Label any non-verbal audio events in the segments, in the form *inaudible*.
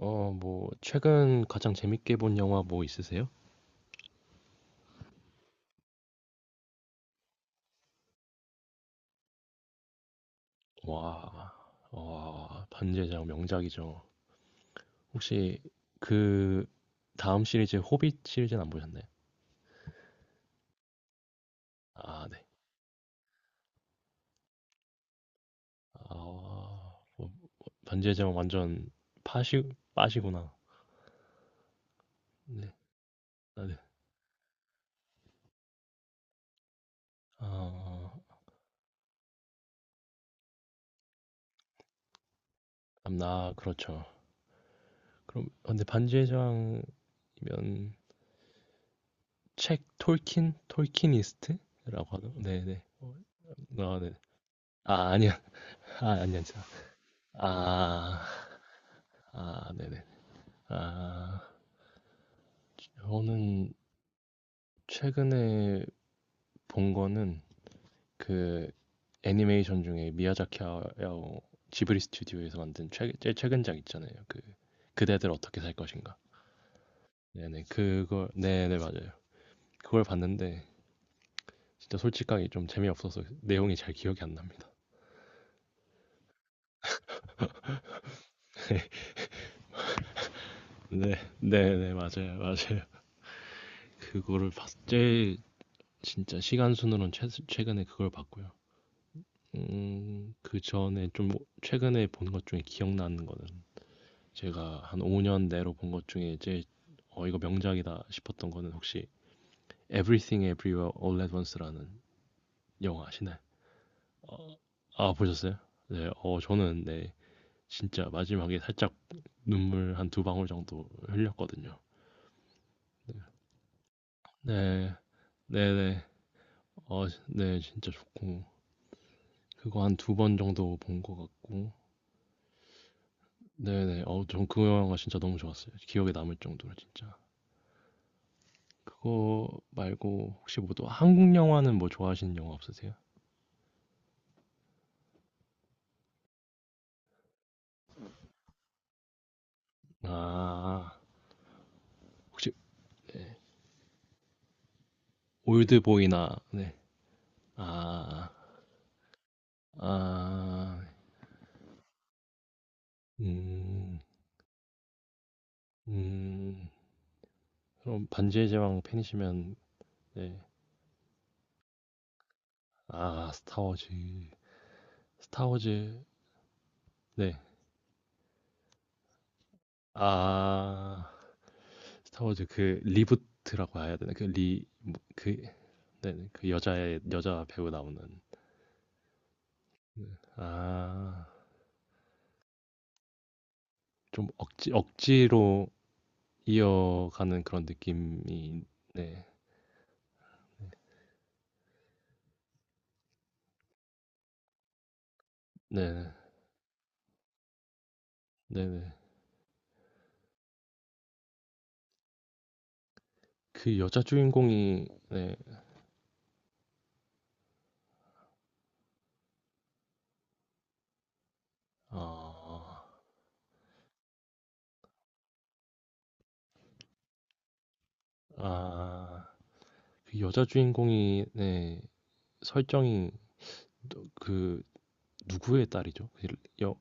어, 뭐, 최근 가장 재밌게 본 영화 뭐 있으세요? 와, 와, 반지의 제왕 명작이죠. 혹시 그 다음 시리즈 호빗 시리즈는 안 보셨나요? 아, 네. 아, 뭐 반지의 제왕 완전 파시 빠시구나. 네, 아, 네. 아, 나 그렇죠. 그럼 아, 근데 반지의 제왕이면 책 톨킨 톨키니스트라고 하나? 네, 네. 어, 아, 네. 아, 아니야. *laughs* 아, 아니야. 아. 아 네네. 아. 저는 최근에 본 거는 그 애니메이션 중에 미야자키 하야오 지브리 스튜디오에서 만든 최 제일 최근작 있잖아요. 그 그대들 어떻게 살 것인가. 네네. 그걸 네네 맞아요. 그걸 봤는데 진짜 솔직하게 좀 재미없어서 내용이 잘 기억이 안 납니다. *laughs* 네. 네네 맞아요. 맞아요. 그거를 봤 제일 진짜 시간 순으로는 최 최근에 그걸 봤고요. 그 전에 좀 최근에 본 것 중에 기억나는 거는 제가 한 5년 내로 본 것 중에 제일 어, 이거 명작이다 싶었던 거는 혹시 Everything Everywhere All at Once라는 영화 아시나요? 아, 보셨어요? 네, 어, 저는 네, 진짜 마지막에 살짝 눈물 한 두 방울 정도 흘렸거든요. 네, 네네. 어, 네, 진짜 좋고. 그거 한 두 번 정도 본 것 같고. 네네. 어, 전 그 영화 진짜 너무 좋았어요. 기억에 남을 정도로 진짜. 그거 말고 혹시 뭐 또 한국 영화는 뭐 좋아하시는 영화 없으세요? 아, 혹시 올드보이나 네. 아, 아, 음, 음. 그럼 반지의 제왕 팬이시면 네. 아, 스타워즈. 스타워즈. 네. 아, 스타워즈 그 리부트라고 해야 되나? 그 리, 뭐, 그, 네, 네. 그 여자의 여자 배우 나오는. 네. 아, 좀 억지로 이어가는 그런 느낌이 네. 네네. 네네. 그 여자 주인공이 네. 아. 아. 그 여자 주인공이 네. 설정이 또 그 누구의 딸이죠? 그 여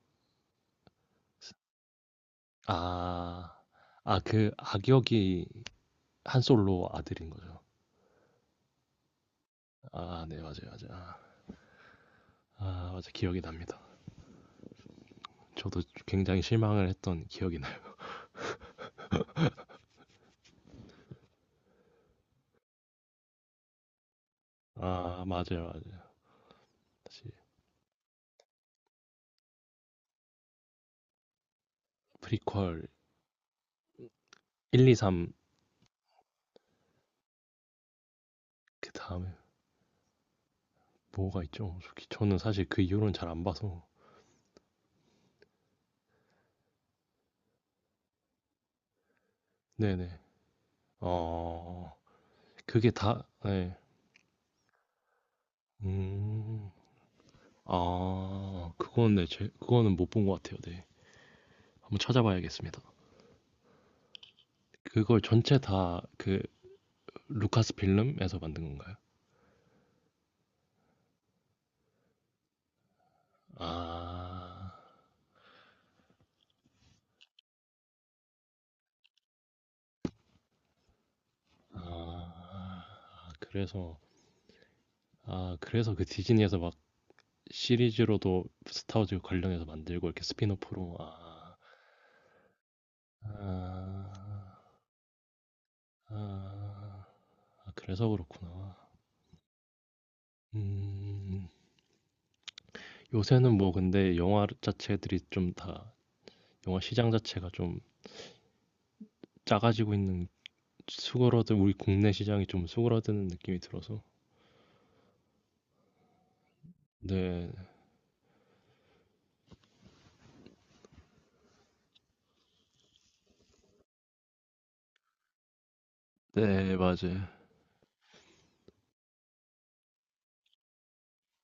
아. 아그 악역이 한솔로 아들인 거죠. 아 네. 맞아요, 맞아요. 아. 아 맞아. 기억이 납니다. 저도 굉장히 실망을 했던 기억이 나요. 아 맞아요, 맞아요. 프리퀄 1, 2, 3 그다음에 뭐가 있죠? 솔직히 저는 사실 그 이후로는 잘 안 봐서. 네네. 어. 그게 다 네. 음. 아. 그건 네 제 그거는 못 본 것 같아요. 네. 한번 찾아봐야겠습니다. 그걸 전체 다 그 루카스필름에서 만든 건가요? 아. 아. 그래서 아 그래서 그 디즈니에서 막 시리즈로도 스타워즈 관련해서 만들고 이렇게 스핀오프로 아. 아. 아. 아 그래서 그렇구나. 음. 요새는 뭐 근데 영화 자체들이 좀 다 영화 시장 자체가 좀 작아지고 있는 수그러든 우리 국내 시장이 좀 수그러드는 느낌이 들어서 네. 네 맞아요.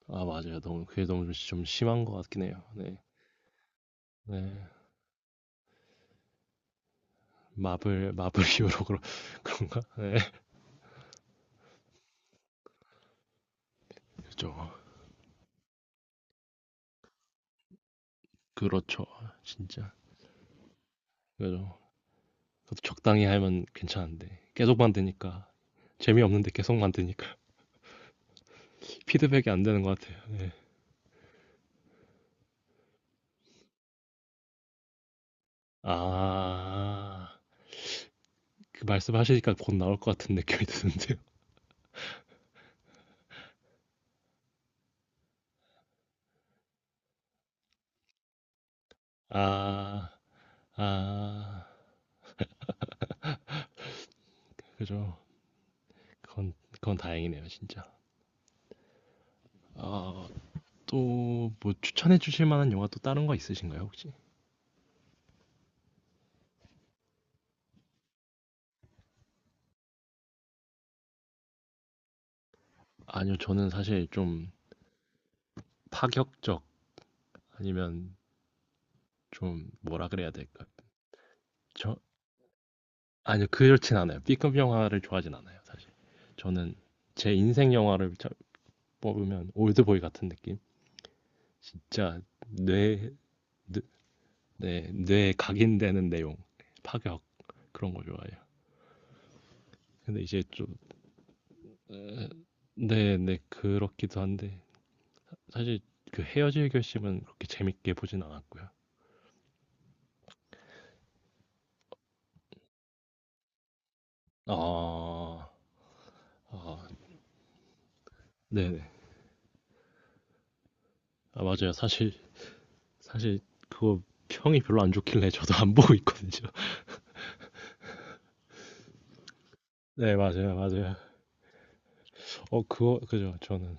아 맞아요. 너무 그게 너무 좀 좀 심한 것 같긴 해요. 네. 네. 마블 *laughs* 히어로 그런 그런가? 네. 그죠. 그렇죠. 진짜. 그죠. 그것도 적당히 하면 괜찮은데 계속 만드니까 재미없는데 계속 만드니까 *laughs* 피드백이 안 되는 것 같아요. 아. 그 말씀하시니까 곧 나올 것 같은 느낌이 *laughs* 드는데요. 아, 아, 그죠. 그건, 그건 다행이네요, 진짜. 아, 또 뭐 추천해 주실 만한 영화 또 다른 거 있으신가요, 혹시? 아니요, 저는 사실 좀 파격적 아니면 좀 뭐라 그래야 될까? 저 아니요, 그렇진 않아요. B급 영화를 좋아하진 않아요, 사실. 저는 제 인생 영화를 뽑으면 올드보이 같은 느낌? 진짜 뇌, 뇌 네, 뇌에 각인되는 내용, 파격 그런 걸 좋아해요. 근데 이제 좀 네, 네 그렇기도 한데 사실 그 헤어질 결심은 그렇게 재밌게 보진 않았고요. 아, 아 네, 네, 아, 맞아요. 사실 사실 그거 평이 별로 안 좋길래 저도 안 보고 있거든요. *laughs* 네, 맞아요, 맞아요. 어, 그거 그죠. 저는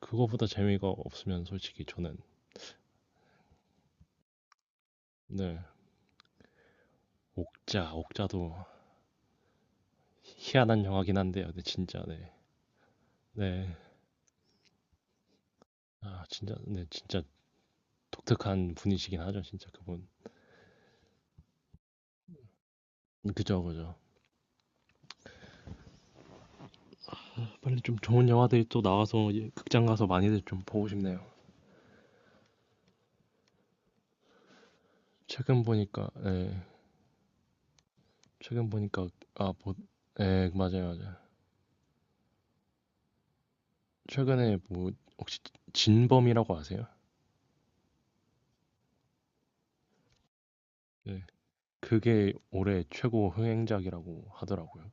그거보다 재미가 없으면 솔직히 저는 네, 옥자도 희한한 영화긴 한데요. 근데 진짜 네, 네. 아, 진짜, 네, 진짜 독특한 분이시긴 하죠, 진짜 그분. 그죠, 그죠. 빨리 좀 좋은 영화들이 또 나와서 예, 극장 가서 많이들 좀 보고 싶네요. 최근 보니까, 예, 최근 보니까 아, 뭐, 예, 맞아요, 맞아요. 최근에 뭐 혹시 진범이라고 아세요? 예, 그게 올해 최고 흥행작이라고 하더라고요.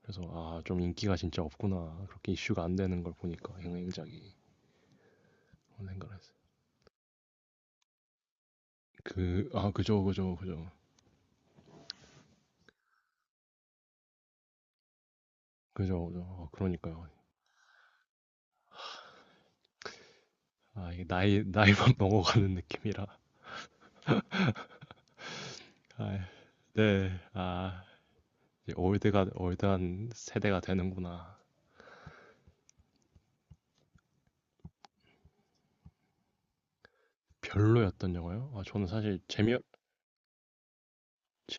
그래서 아, 좀 인기가 진짜 없구나. 그렇게 이슈가 안 되는 걸 보니까 흥행작이 그런 생각을 했어요. 그, 아, 그죠, 그죠, 그죠, 그죠, 그죠. 아, 그러니까요. 아, 이게 나이만 먹어가는 *laughs* 느낌이라. 아, 네. 아, 이제 올드가 올드한 세대가 되는구나. 별로였던 영화요? 아, 저는 사실 재미 재-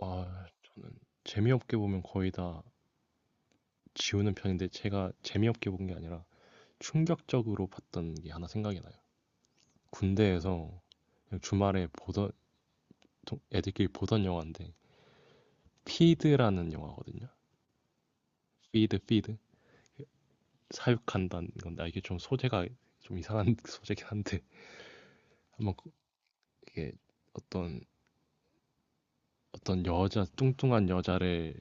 아, 재미없게 보면 거의 다 지우는 편인데 제가 재미없게 본 게 아니라 충격적으로 봤던 게 하나 생각이 나요. 군대에서 그냥 주말에 보던 좀 애들끼리 보던 영화인데 피드라는 영화거든요. 피드 사육한다는 건데 아, 이게 좀 소재가 좀 이상한 *laughs* 소재긴 한데 한번 이게 어떤 어떤 여자, 뚱뚱한 여자의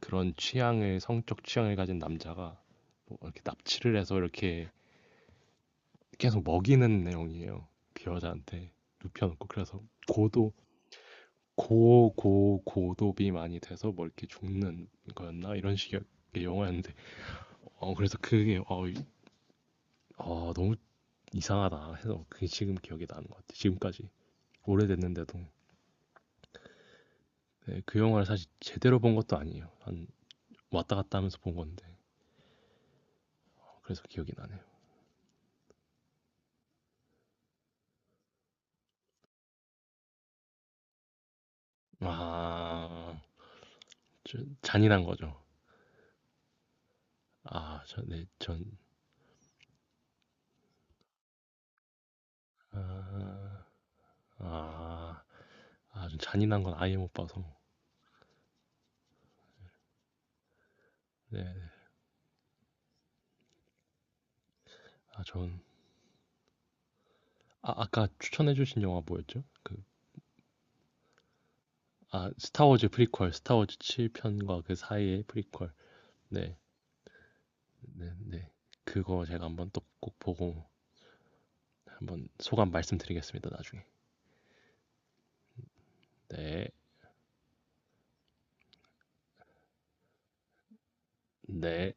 그런 취향을, 성적 취향을 가진 남자가 뭐 이렇게 납치를 해서 이렇게 계속 먹이는 내용이에요. 그 여자한테 눕혀놓고. 그래서 고도, 고도비 많이 돼서 뭐 이렇게 죽는 거였나? 이런 식의 영화였는데. 어, 그래서 그게, 어, 어, 너무 이상하다 해서 그게 지금 기억이 나는 것 같아. 요 지금까지. 오래됐는데도. 네, 그 영화를 사실 제대로 본 것도 아니에요. 한 왔다 갔다 하면서 본 건데. 어, 그래서 기억이 나네요. 아, 저- 잔인한 거죠. 아, 저, 네, 전, 아, 아, 아, 전 잔인한 건 아예 못 봐서. 네, 아, 전, 아, 아까 추천해주신 영화 뭐였죠? 그, 아, 스타워즈 프리퀄, 스타워즈 7편과 그 사이의 프리퀄. 네, 네, 네. 그거 제가 한번 또 꼭 보고 한번 소감 말씀드리겠습니다, 나중에. 네, 네.